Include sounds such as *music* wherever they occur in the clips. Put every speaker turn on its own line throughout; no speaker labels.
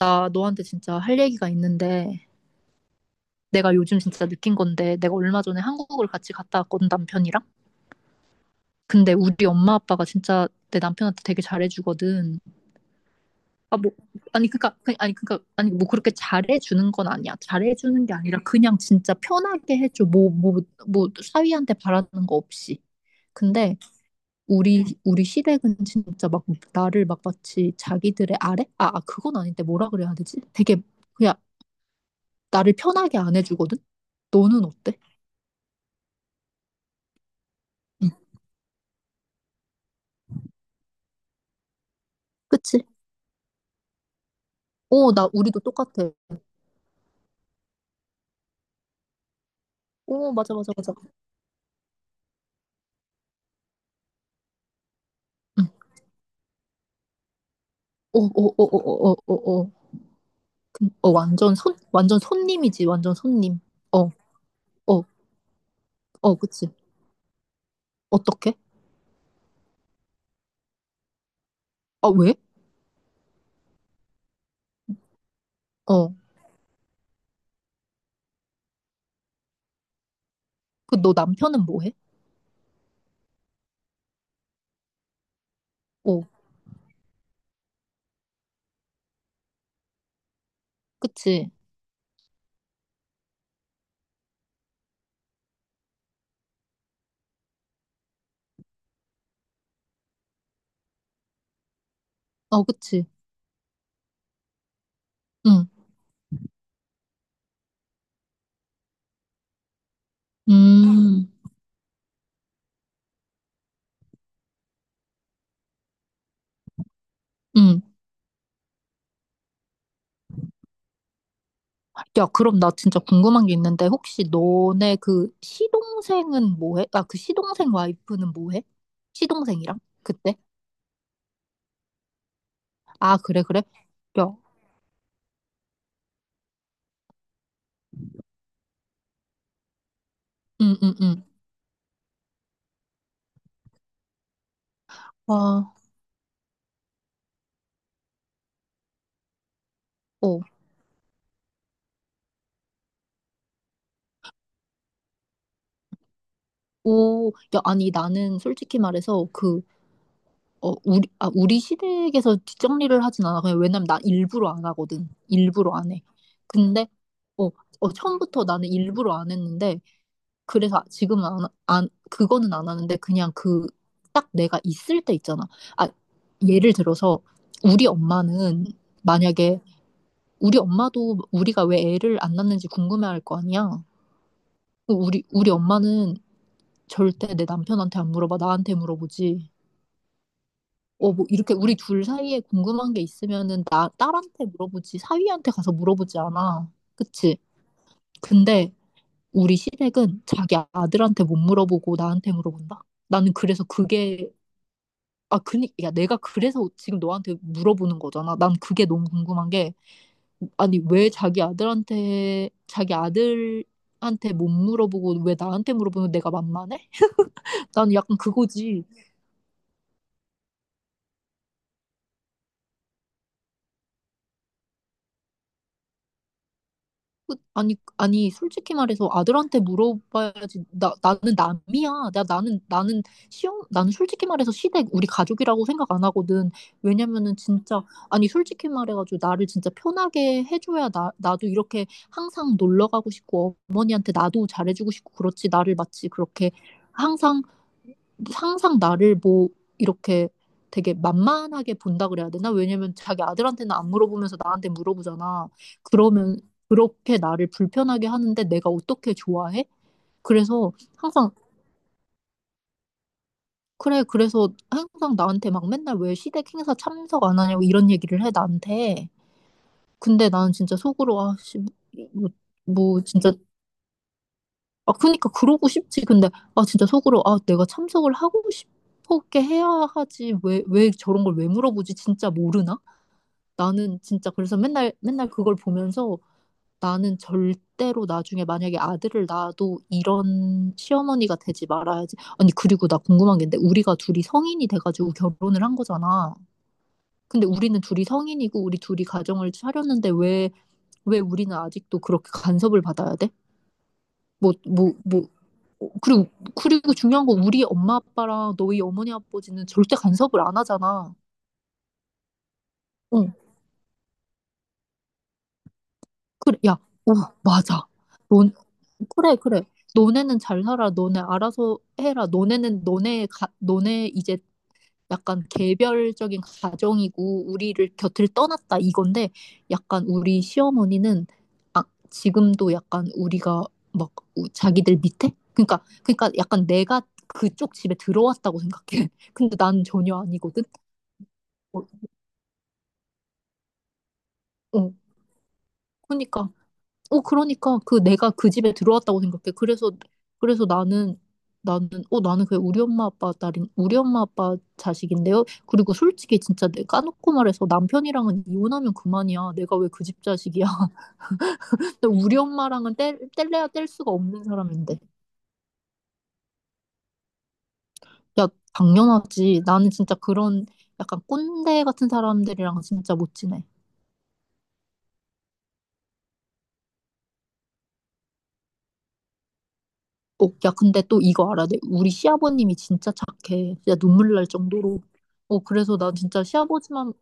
나 너한테 진짜 할 얘기가 있는데 내가 요즘 진짜 느낀 건데, 내가 얼마 전에 한국을 같이 갔다 왔거든, 남편이랑. 근데 우리 엄마 아빠가 진짜 내 남편한테 되게 잘해주거든. 아 뭐 아니 그니까 아니 그니까 아니, 뭐 그렇게 잘해주는 건 아니야. 잘해주는 게 아니라 그냥 진짜 편하게 해줘. 뭐 사위한테 바라는 거 없이. 근데 우리 시댁은 진짜 막 나를 막 마치 자기들의 아래 그건 아닌데, 뭐라 그래야 되지, 되게 그냥 나를 편하게 안 해주거든? 너는 어때? 응, 그치? 어, 나, 우리도 똑같아. 어, 맞아, 맞아, 맞아. 응. 어, 어, 어, 어, 어, 어, 어. 어, 완전 손, 완전 손님이지, 완전 손님. 어, 어, 어, 그치? 어떻게? 아, 왜? 어, 그, 너 남편은 뭐 해? 어, 그치? 어, 그치? 응, 음, 음. 야, 그럼 나 진짜 궁금한 게 있는데, 혹시 너네 그 시동생은 뭐 해? 아, 그 시동생 와이프는 뭐 해? 시동생이랑? 그때? 아, 그래, 그래? 야, 응, 응, 응. 와, 어, 오, 야, 아니, 나는 솔직히 말해서 그, 어, 우리, 아, 우리 시댁에서 뒷정리를 하진 않아. 그냥 왜냐면 나 일부러 안 하거든. 일부러 안 해. 근데, 어, 어, 처음부터 나는 일부러 안 했는데, 그래서 지금은 안, 안, 그거는 안 하는데, 그냥 그, 딱 내가 있을 때 있잖아. 아, 예를 들어서, 우리 엄마는 만약에, 우리 엄마도 우리가 왜 애를 안 낳는지 궁금해할 거 아니야. 그 우리 엄마는 절대 내 남편한테 안 물어봐. 나한테 물어보지. 어, 뭐 이렇게 우리 둘 사이에 궁금한 게 있으면은 나 딸한테 물어보지. 사위한테 가서 물어보지 않아. 그치? 근데 우리 시댁은 자기 아들한테 못 물어보고 나한테 물어본다. 나는 그래서 그게, 아, 그니 야 내가 그래서 지금 너한테 물어보는 거잖아. 난 그게 너무 궁금한 게, 아니 왜 자기 아들한테 못 물어보고 왜 나한테 물어보면, 내가 만만해? 나는 약간 그거지. 아니, 아니, 솔직히 말해서 아들한테 물어봐야지. 나, 나는 남이야. 나는 시험, 나는 솔직히 말해서 시댁 우리 가족이라고 생각 안 하거든. 왜냐면은 진짜, 아니, 솔직히 말해가지고 나를 진짜 편하게 해줘야 나, 나도 이렇게 항상 놀러 가고 싶고, 어머니한테 나도 잘해주고 싶고 그렇지. 나를 마치 그렇게 항상 항상 나를 뭐 이렇게 되게 만만하게 본다 그래야 되나? 왜냐면 자기 아들한테는 안 물어보면서 나한테 물어보잖아. 그러면 그렇게 나를 불편하게 하는데 내가 어떻게 좋아해? 그래서 항상, 그래 그래서 항상 나한테 막 맨날 왜 시댁 행사 참석 안 하냐고 이런 얘기를 해 나한테. 근데 나는 진짜 속으로 아씨, 뭐, 뭐 진짜, 아, 그니까 그러고 싶지. 근데, 아, 진짜 속으로, 아, 내가 참석을 하고 싶었게 해야 하지. 왜 저런 걸 왜 물어보지? 진짜 모르나? 나는 진짜 그래서 맨날 그걸 보면서, 나는 절대로 나중에 만약에 아들을 낳아도 이런 시어머니가 되지 말아야지. 아니, 그리고 나 궁금한 게 있는데, 우리가 둘이 성인이 돼가지고 결혼을 한 거잖아. 근데 우리는 둘이 성인이고, 우리 둘이 가정을 차렸는데, 왜 우리는 아직도 그렇게 간섭을 받아야 돼? 뭐, 뭐, 뭐, 어, 그리고, 그리고 중요한 건 우리 엄마 아빠랑 너희 어머니 아버지는 절대 간섭을 안 하잖아. 응, 그래, 야, 오, 맞아. 넌, 그래, 그래. 너네는 잘 살아. 너네 알아서 해라. 너네는 너네, 가, 너네 이제 약간 개별적인 가정이고 우리를 곁을 떠났다 이건데, 약간 우리 시어머니는 아, 지금도 약간 우리가 막 자기들 밑에? 그러니까, 그러니까 약간 내가 그쪽 집에 들어왔다고 생각해. *laughs* 근데 난 전혀 아니거든. 어, 어, 그러니까, 어, 그러니까 그 내가 그 집에 들어왔다고 생각해. 그래서, 그래서 나는, 나는 어 나는 그냥 우리 엄마 아빠 딸인, 우리 엄마 아빠 자식인데요. 그리고 솔직히 진짜 내 까놓고 말해서 남편이랑은 이혼하면 그만이야. 내가 왜 그 집 자식이야? *laughs* 근데 우리 엄마랑은 뗄래야 뗄 수가 없는 사람인데. 야, 당연하지. 나는 진짜 그런 약간 꼰대 같은 사람들이랑 진짜 못 지내. 어, 야, 근데 또 이거 알아야 돼. 우리 시아버님이 진짜 착해. 진짜 눈물 날 정도로. 어, 그래서 난 진짜 시아버지만,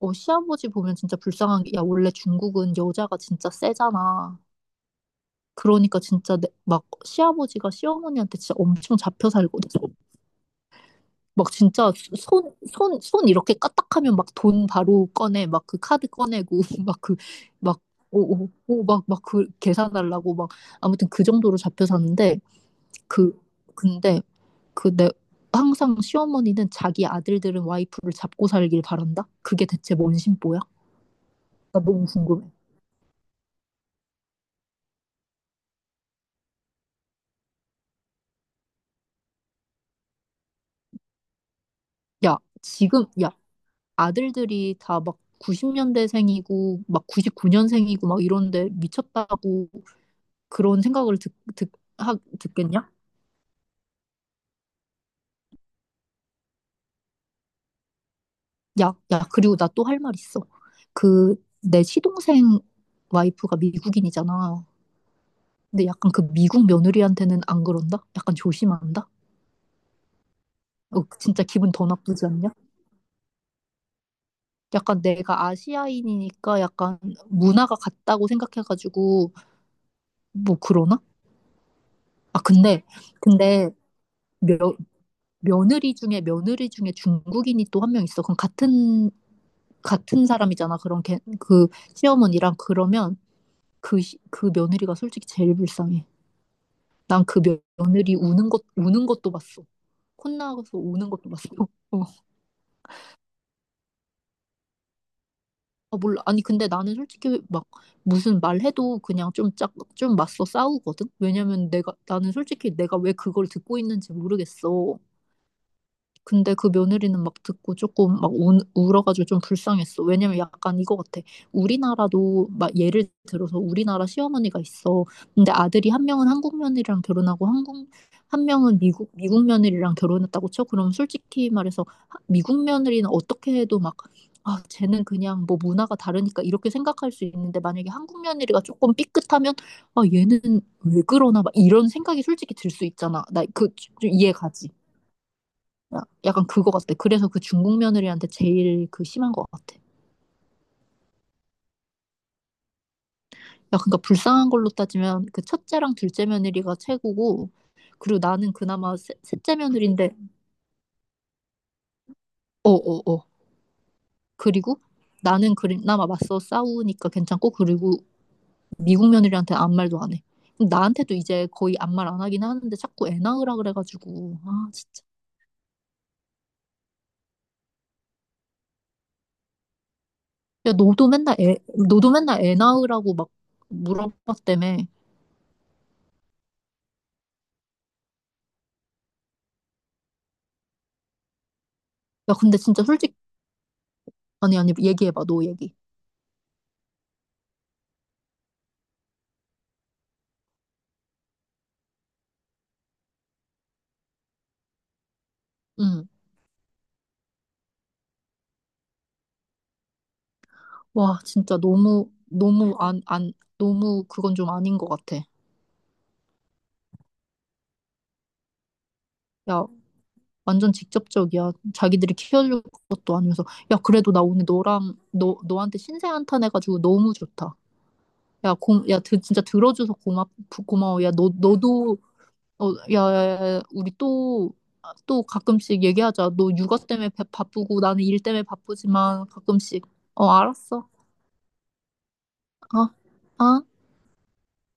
어, 시아버지 보면 진짜 불쌍한 게, 야, 원래 중국은 여자가 진짜 세잖아. 그러니까 진짜 내, 막 시아버지가 시어머니한테 진짜 엄청 잡혀 살거든. 막 진짜 손 이렇게 까딱하면 막 돈 바로 꺼내, 막 그 카드 꺼내고, *laughs* 막 그, 막, 오, 막, 막 그 계산하려고 막 아무튼 그 정도로 잡혀 사는데, 그 근데 그 내 항상 시어머니는 자기 아들들은 와이프를 잡고 살길 바란다. 그게 대체 뭔 심보야? 나 너무 궁금해. 야, 지금 야, 아들들이 다 막 90년대생이고 막 99년생이고 막 이런데, 미쳤다고 그런 생각을 듣겠냐? 야, 야, 그리고 나 또 할 말 있어. 그 내 시동생 와이프가 미국인이잖아. 근데 약간 그 미국 며느리한테는 안 그런다? 약간 조심한다? 어, 진짜 기분 더 나쁘지 않냐? 약간 내가 아시아인이니까 약간 문화가 같다고 생각해가지고 뭐 그러나? 아 근데, 근데 며, 며느리 중에 중국인이 또 한 명 있어. 그럼 같은 사람이잖아. 그런 걔, 그 시어머니랑 그러면, 그, 그 며느리가 솔직히 제일 불쌍해. 난 그 며느리 우는 것도 봤어. 콧나가서 우는 것도 봤어. *laughs* 아, 몰라. 아니, 근데 나는 솔직히 막 무슨 말해도 그냥 좀 짝, 좀 맞서 싸우거든? 왜냐면 내가, 나는 솔직히 내가 왜 그걸 듣고 있는지 모르겠어. 근데 그 며느리는 막 듣고 조금 막 우, 울어가지고 좀 불쌍했어. 왜냐면 약간 이거 같아. 우리나라도 막 예를 들어서 우리나라 시어머니가 있어. 근데 아들이 한 명은 한국 며느리랑 결혼하고, 한국 한 명은 미국 며느리랑 결혼했다고 쳐. 그럼 솔직히 말해서 미국 며느리는 어떻게 해도 막 아, 쟤는 그냥 뭐 문화가 다르니까 이렇게 생각할 수 있는데, 만약에 한국 며느리가 조금 삐끗하면 아, 얘는 왜 그러나 막 이런 생각이 솔직히 들 수 있잖아. 나 그, 이해 가지. 약간 그거 같아. 그래서 그 중국 며느리한테 제일 그 심한 것 같아. 야, 그러니까 불쌍한 걸로 따지면 그 첫째랑 둘째 며느리가 최고고, 그리고 나는 그나마 셋째 며느리인데, 어, 어, 어. 그리고 나는 그나마 맞서 싸우니까 괜찮고, 그리고 미국 며느리한테 아무 말도 안 해. 근데 나한테도 이제 거의 아무 말 안 하긴 하는데 자꾸 애 낳으라 그래가지고, 아, 진짜. 야, 너도 맨날 애, 너도 맨날 애 낳으라고 막 물어봤다며. 야, 근데 진짜 솔직히, 아니, 아니, 얘기해봐, 너 얘기. 응. 와, 진짜 너무 안, 안, 너무 그건 좀 아닌 것 같아. 야, 완전 직접적이야. 자기들이 키워줄 것도 아니면서. 야, 그래도 나 오늘 너랑, 너, 너한테 신세 한탄해가지고 너무 좋다. 야, 고, 야, 드, 진짜 들어줘서 고맙, 고마워. 야, 너, 너도, 어, 야, 야, 야, 또 가끔씩 얘기하자. 너 육아 때문에 바쁘고 나는 일 때문에 바쁘지만 가끔씩. 어, 알았어. 어, 어.